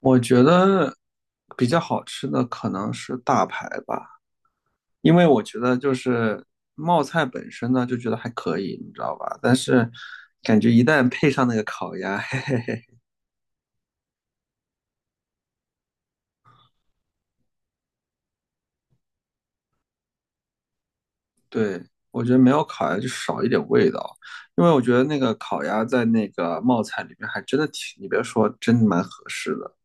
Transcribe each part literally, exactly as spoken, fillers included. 我觉得比较好吃的可能是大排吧，因为我觉得就是冒菜本身呢，就觉得还可以，你知道吧？但是感觉一旦配上那个烤鸭，对，我觉得没有烤鸭就少一点味道，因为我觉得那个烤鸭在那个冒菜里面还真的挺，你别说，真的蛮合适的。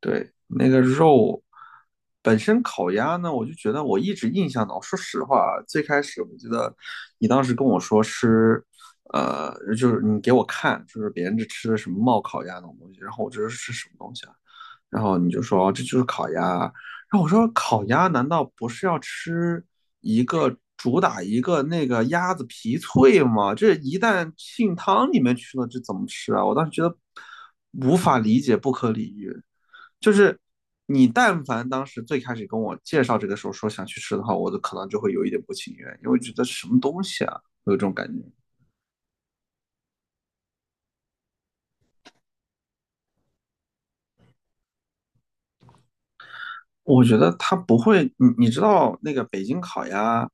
对，那个肉本身烤鸭呢，我就觉得我一直印象呢。说实话啊，最开始我觉得你当时跟我说吃，呃，就是你给我看，就是别人这吃的什么冒烤鸭那种东西，然后我这是什么东西啊？然后你就说哦这就是烤鸭啊，然后我说烤鸭难道不是要吃一个主打一个那个鸭子皮脆吗？这一旦浸汤里面去了，这怎么吃啊？我当时觉得无法理解，不可理喻。就是你但凡当时最开始跟我介绍这个时候说想去吃的话，我都可能就会有一点不情愿，因为觉得什么东西啊，有这种感觉。我觉得他不会，你你知道那个北京烤鸭，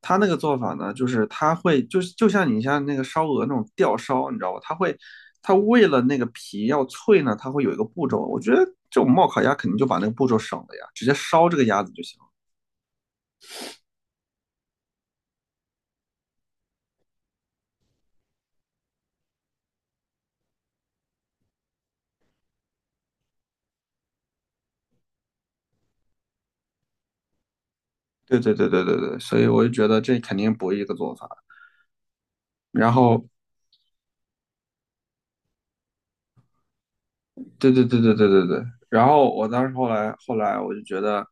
他那个做法呢，就是他会就是就像你像那个烧鹅那种吊烧，你知道吧？他会他为了那个皮要脆呢，他会有一个步骤。我觉得这种冒烤鸭肯定就把那个步骤省了呀，直接烧这个鸭子就行了。对对对对对对，所以我就觉得这肯定不是一个做法。然后对对对对对对对。然后我当时后来后来我就觉得，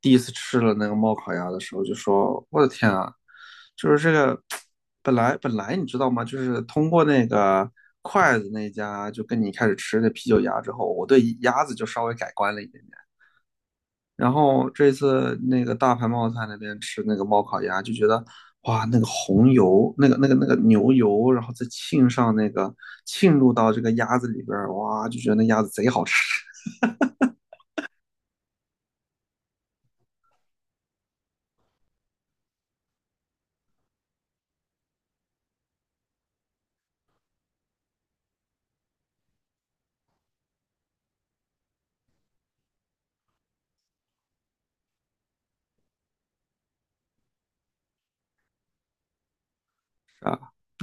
第一次吃了那个冒烤鸭的时候，就说我的天啊，就是这个 本来本来你知道吗？就是通过那个筷子那家，就跟你开始吃那啤酒鸭之后，我对鸭子就稍微改观了一点点。然后这次那个大盘冒菜那边吃那个冒烤鸭，就觉得哇，那个红油，那个那个那个牛油，然后再浸上那个浸入到这个鸭子里边儿，哇，就觉得那鸭子贼好吃。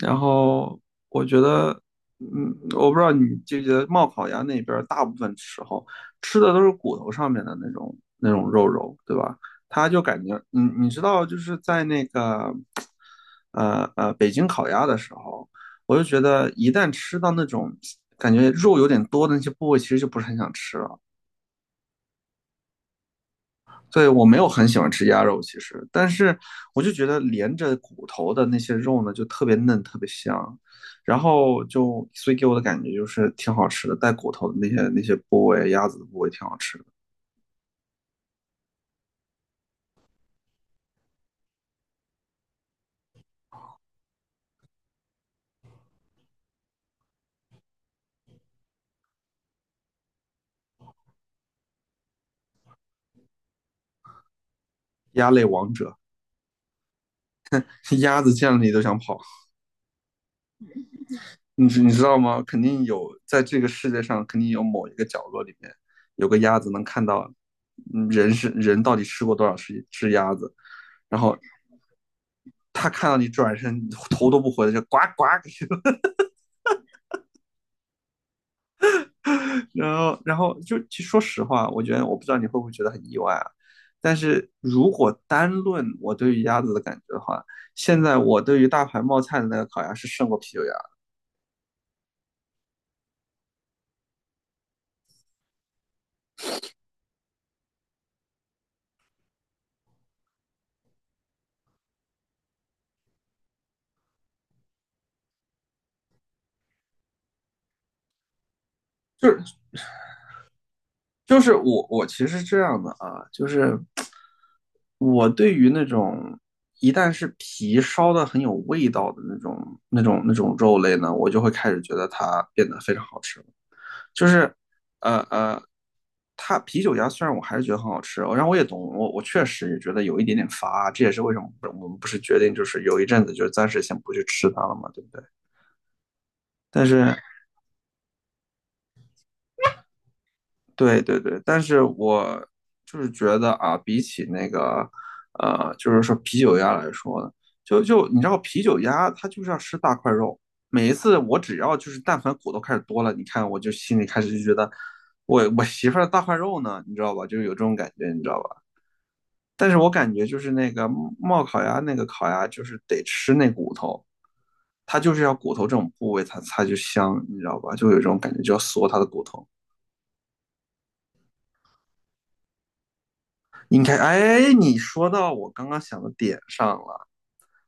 然后我觉得，嗯，我不知道你记不记得，冒烤鸭那边儿大部分时候吃的都是骨头上面的那种那种肉肉，对吧？它就感觉，你你知道，就是在那个，呃呃，北京烤鸭的时候，我就觉得一旦吃到那种感觉肉有点多的那些部位，其实就不是很想吃了。对，我没有很喜欢吃鸭肉，其实，但是我就觉得连着骨头的那些肉呢，就特别嫩，特别香，然后就所以给我的感觉就是挺好吃的，带骨头的那些那些部位，鸭子的部位挺好吃的，鸭类王者，鸭子见了你都想跑，你知你知道吗？肯定有，在这个世界上肯定有某一个角落里面有个鸭子能看到，嗯，人是人到底吃过多少只只鸭子，然后他看到你转身头都不回的就呱呱，然后，然后就其实说实话，我觉得我不知道你会不会觉得很意外啊。但是如果单论我对于鸭子的感觉的话，现在我对于大牌冒菜的那个烤鸭是胜过啤酒鸭。就是就是我我其实是这样的啊，就是我对于那种一旦是皮烧的很有味道的那种那种那种肉类呢，我就会开始觉得它变得非常好吃。就是呃呃，它啤酒鸭虽然我还是觉得很好吃，然后我也懂，我我确实也觉得有一点点乏啊，这也是为什么我们不是决定就是有一阵子就暂时先不去吃它了嘛，对不对？但是对对对，但是我就是觉得啊，比起那个呃，就是说啤酒鸭来说呢，就就你知道啤酒鸭它就是要吃大块肉。每一次我只要就是但凡骨头开始多了，你看我就心里开始就觉得我我媳妇儿的大块肉呢，你知道吧？就是有这种感觉，你知道吧？但是我感觉就是那个冒烤鸭那个烤鸭，就是得吃那骨头，它就是要骨头这种部位它，它就香，你知道吧？就有一种感觉，就要嗦它的骨头。应该，哎，你说到我刚刚想的点上了，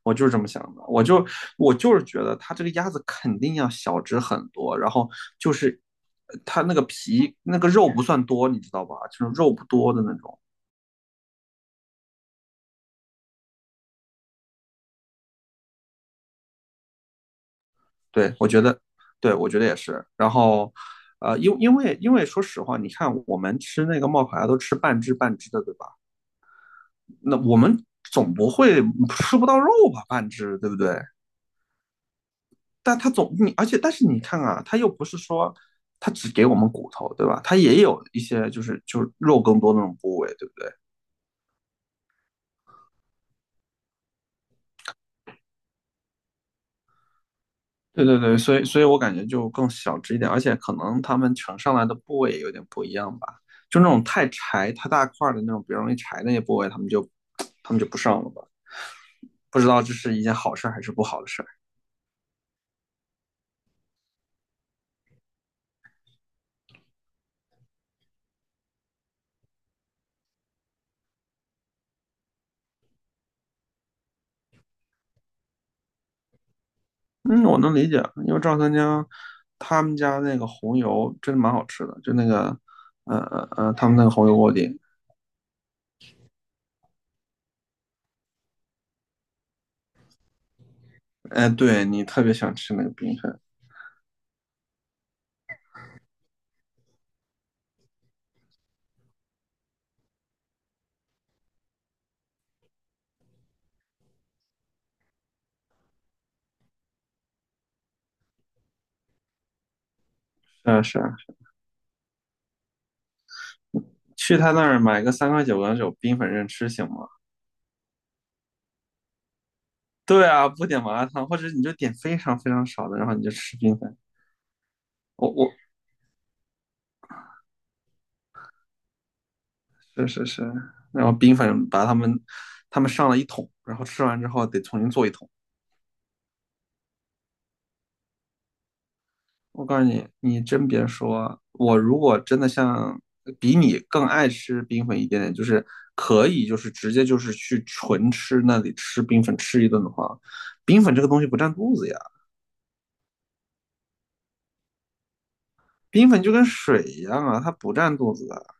我就是这么想的，我就我就是觉得它这个鸭子肯定要小只很多，然后就是它那个皮那个肉不算多，你知道吧？就是肉不多的那种。对，我觉得，对，我觉得也是。然后，呃，因因为因为说实话，你看我们吃那个冒烤鸭都吃半只半只的，对吧？那我们总不会吃不到肉吧？半只，对不对？但它总你，而且但是你看啊，它又不是说它只给我们骨头，对吧？它也有一些就是就是肉更多的那种部位，对不对？对对对，所以所以我感觉就更小只一点，而且可能他们呈上来的部位也有点不一样吧，就那种太柴、太大块儿的那种比较容易柴的那些部位，他们就他们就不上了吧。不知道这是一件好事儿还是不好的事儿。嗯，我能理解，因为赵三江他们家那个红油真的蛮好吃的，就那个呃呃呃，他们那个红油锅底，哎，对你特别想吃那个冰粉，是啊是啊，去他那儿买个三块九毛九冰粉任吃行吗？对啊，不点麻辣烫，或者你就点非常非常少的，然后你就吃冰粉。我我是是是，然后冰粉把他们他们上了一桶，然后吃完之后得重新做一桶。我告诉你，你真别说，我如果真的像比你更爱吃冰粉一点点，就是可以就是直接就是去纯吃那里吃冰粉吃一顿的话，冰粉这个东西不占肚子呀，冰粉就跟水一样啊，它不占肚子的。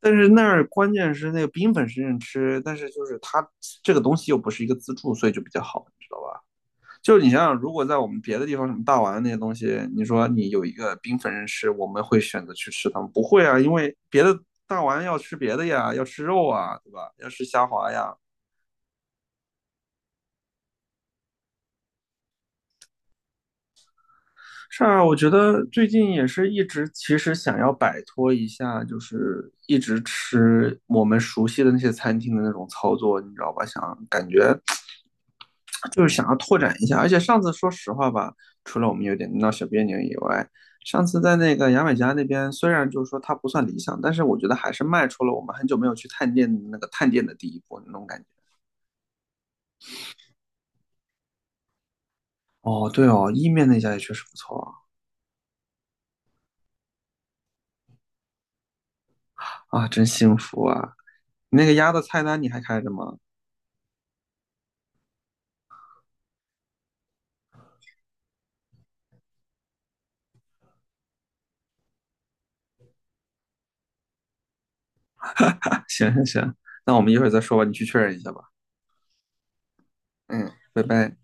但是那儿关键是那个冰粉是认吃，但是就是它这个东西又不是一个自助，所以就比较好，你知道吧？就是你想想，如果在我们别的地方，什么大丸那些东西，你说你有一个冰粉认吃，我们会选择去吃它们不会啊，因为别的大丸要吃别的呀，要吃肉啊，对吧？要吃虾滑呀。是啊，我觉得最近也是一直其实想要摆脱一下，就是一直吃我们熟悉的那些餐厅的那种操作，你知道吧？想感觉就是想要拓展一下。而且上次说实话吧，除了我们有点闹小别扭以外，上次在那个牙买加那边，虽然就是说它不算理想，但是我觉得还是迈出了我们很久没有去探店的那个探店的第一步那种感觉。哦，对哦，意面那家也确实不错啊，啊，真幸福啊！那个鸭的菜单你还开着吗？行行行，那我们一会儿再说吧，你去确认一下吧。嗯，拜拜。